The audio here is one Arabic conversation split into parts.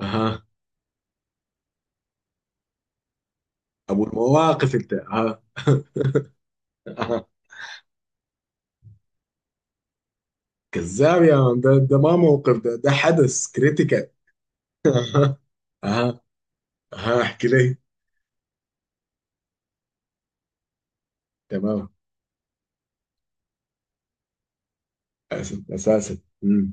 اها. ابو المواقف انت، اها. اها. كذاب يا مان، ده ما موقف، ده حدث كريتيكال. اها. اها. اها، احكي لي. تمام. اسف اساسا. أمم.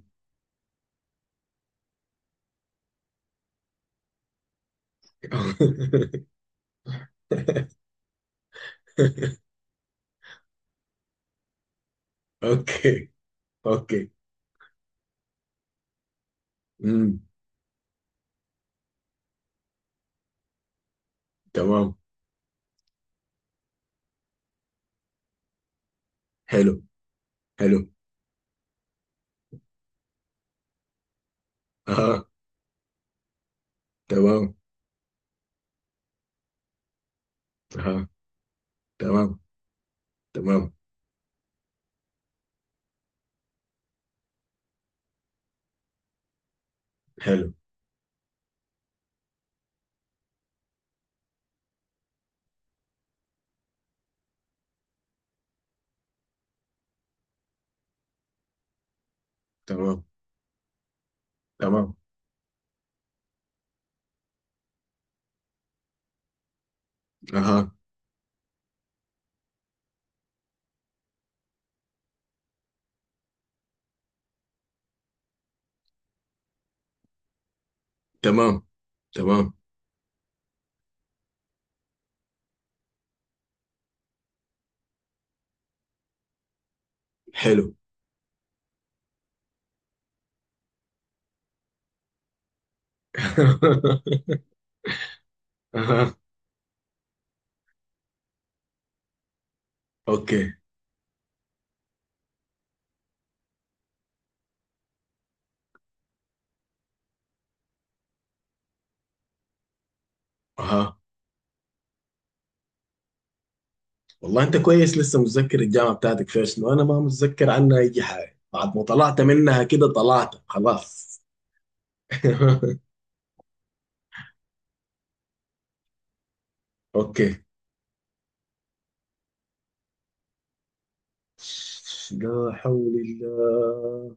اوكي. اوكي. امم. تمام. حلو. حلو. اها. تمام. اها. تمام. تمام. حلو. تمام. تمام. اها. تمام. تمام. حلو. اها. اوكي. اها، والله انت كويس لسه متذكر الجامعه بتاعتك فيها شنو، انا ما متذكر عنها اي حاجه، بعد ما طلعت منها كده طلعت خلاص. اوكي. لا حول الله.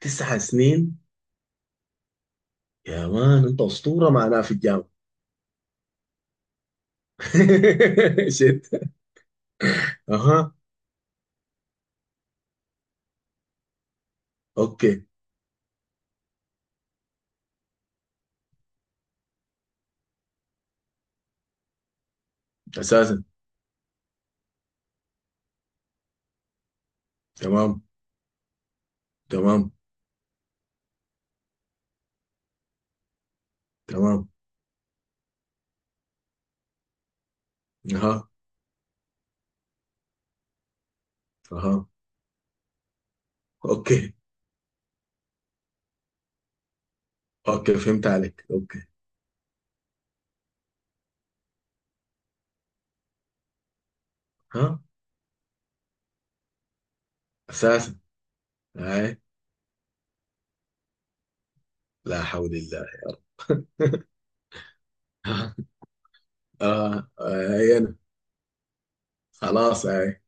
تسع سنين. يا مان انت اسطوره معناها في الجامعه. شت. اها. اوكي. اساسا. تمام. تمام. تمام. اها. اها. اوكي. اوكي، فهمت عليك، اوكي. ها. اساسا. هاي. لا حول الله. آه. آه، هاي انا. خلاص هاي.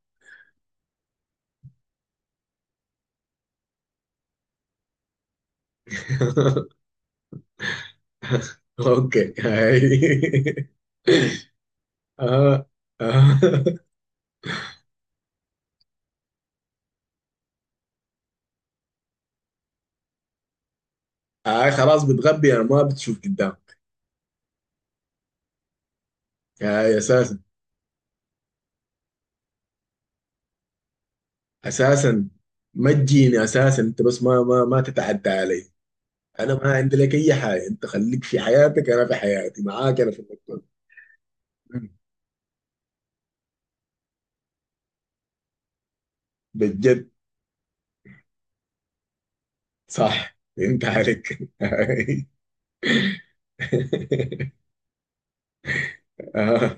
اوكي. هاي. آه. آه. هاي خلاص بتغبي، انا ما بتشوف قدامك. هاي اساسا. اساسا ما تجيني، اساسا انت بس ما تتعدى علي. انا ما عندي لك اي حاجه، انت خليك في حياتك انا في حياتي، معاك انا في المكتب. بجد. صح، انت عليك. هاي. آه.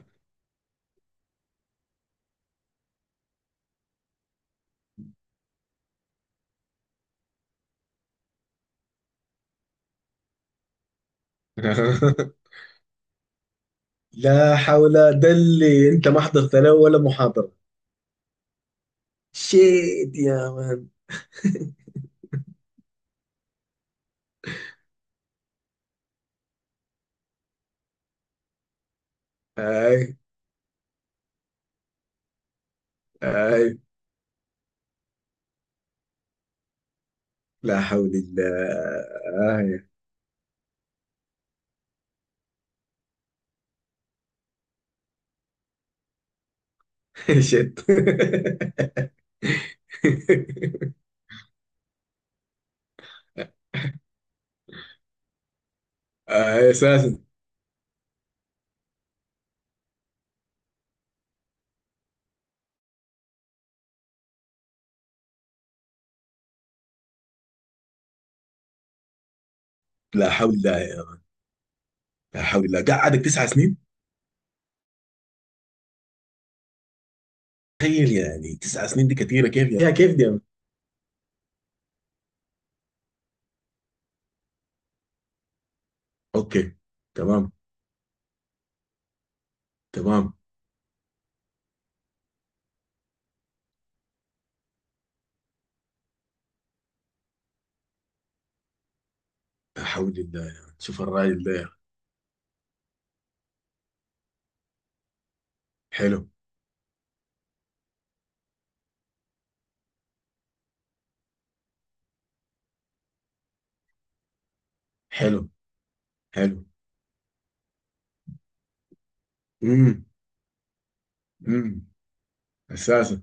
آه. لا حول. ده اللي انت ما حضرت له ولا محاضرة. شيت يا مان. اي. اي. لا حول الله. آه شيت. اي. اساسا. لا حول الله يا مان. لا حول الله، قعدك تسع سنين. تخيل يعني، تسع سنين دي كثيره، كيف يا كيف دي يا مان؟ اوكي. تمام. تمام. لا حول الله يا مان. شوف الراجل ده يا مان. حلو. حلو. حلو. امم. امم. اساسا.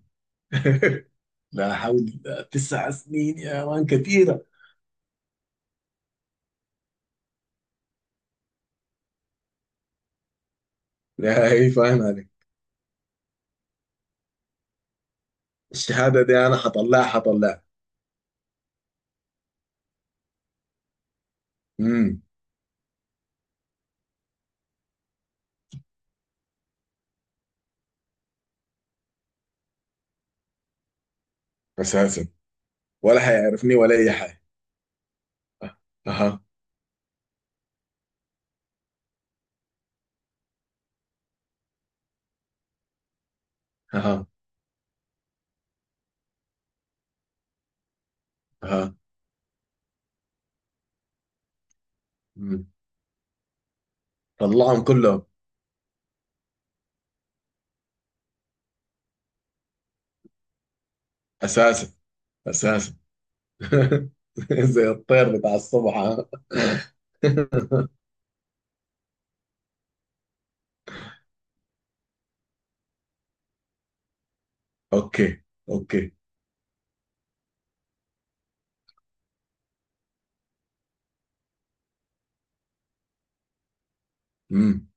لا حول الله، تسع سنين يا مان كثيره. لا، هي فاهم عليك. الشهادة دي أنا حطلعها حطلعها. امم. أساسا. ولا حيعرفني ولا أي حاجة. أه. أها. أها. أها. امم. طلعهم كلهم. أساسا. أساسا. زي الطير بتاع الصبح، ها؟ أوكي. أوكي. امم.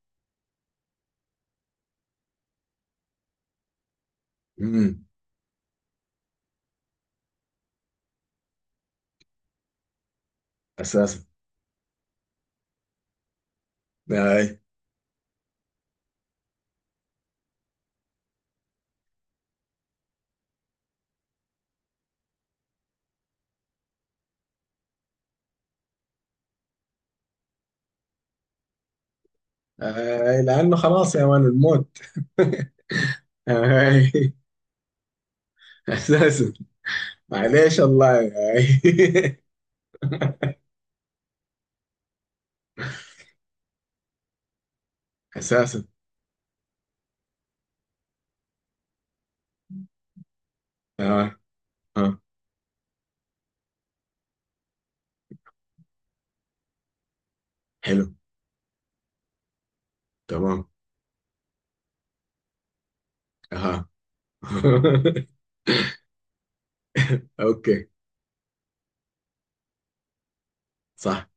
امم. أساسا. أي. أي لأنه خلاص يا مان الموت. أي. أساسا. معليش الله، أي. أساسا. أه. أه. حلو. تمام. أها. اوكي. صح.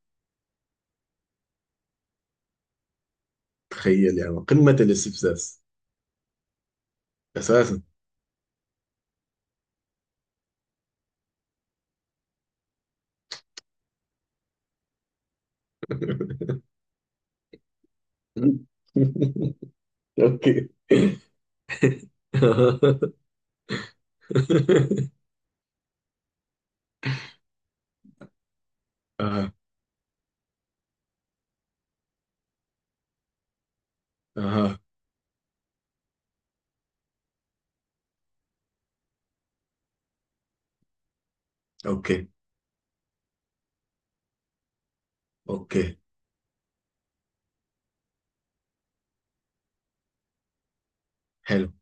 تخيل يعني قمة الاستفزاز. اساسا. اوكي. اها. اها. اوكي. اوكي. حلو.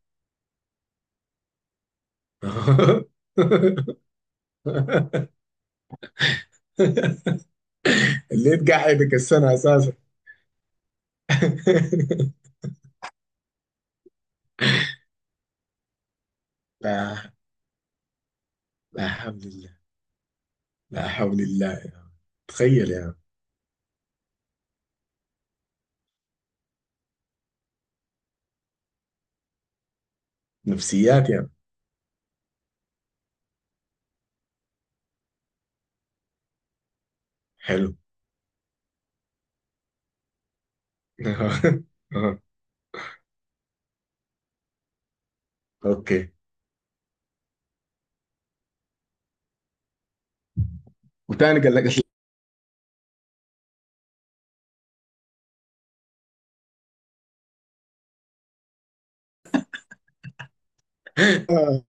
اللي تقعدك السنة اساسا. لا. لا حول الله. لا حول الله يعني. تخيل يعني. نفسيات يعني. حلو. اوكي. وتاني قال لك آه؟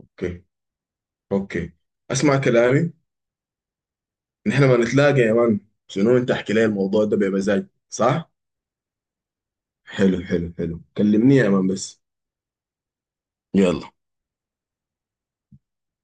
اوكي. اوكي. اسمع كلامي. نحن ما نتلاقى يا مان. شنو؟ انت احكي لي الموضوع ده بمزاج صح. حلو. حلو. حلو كلمني يا مان بس. يلا.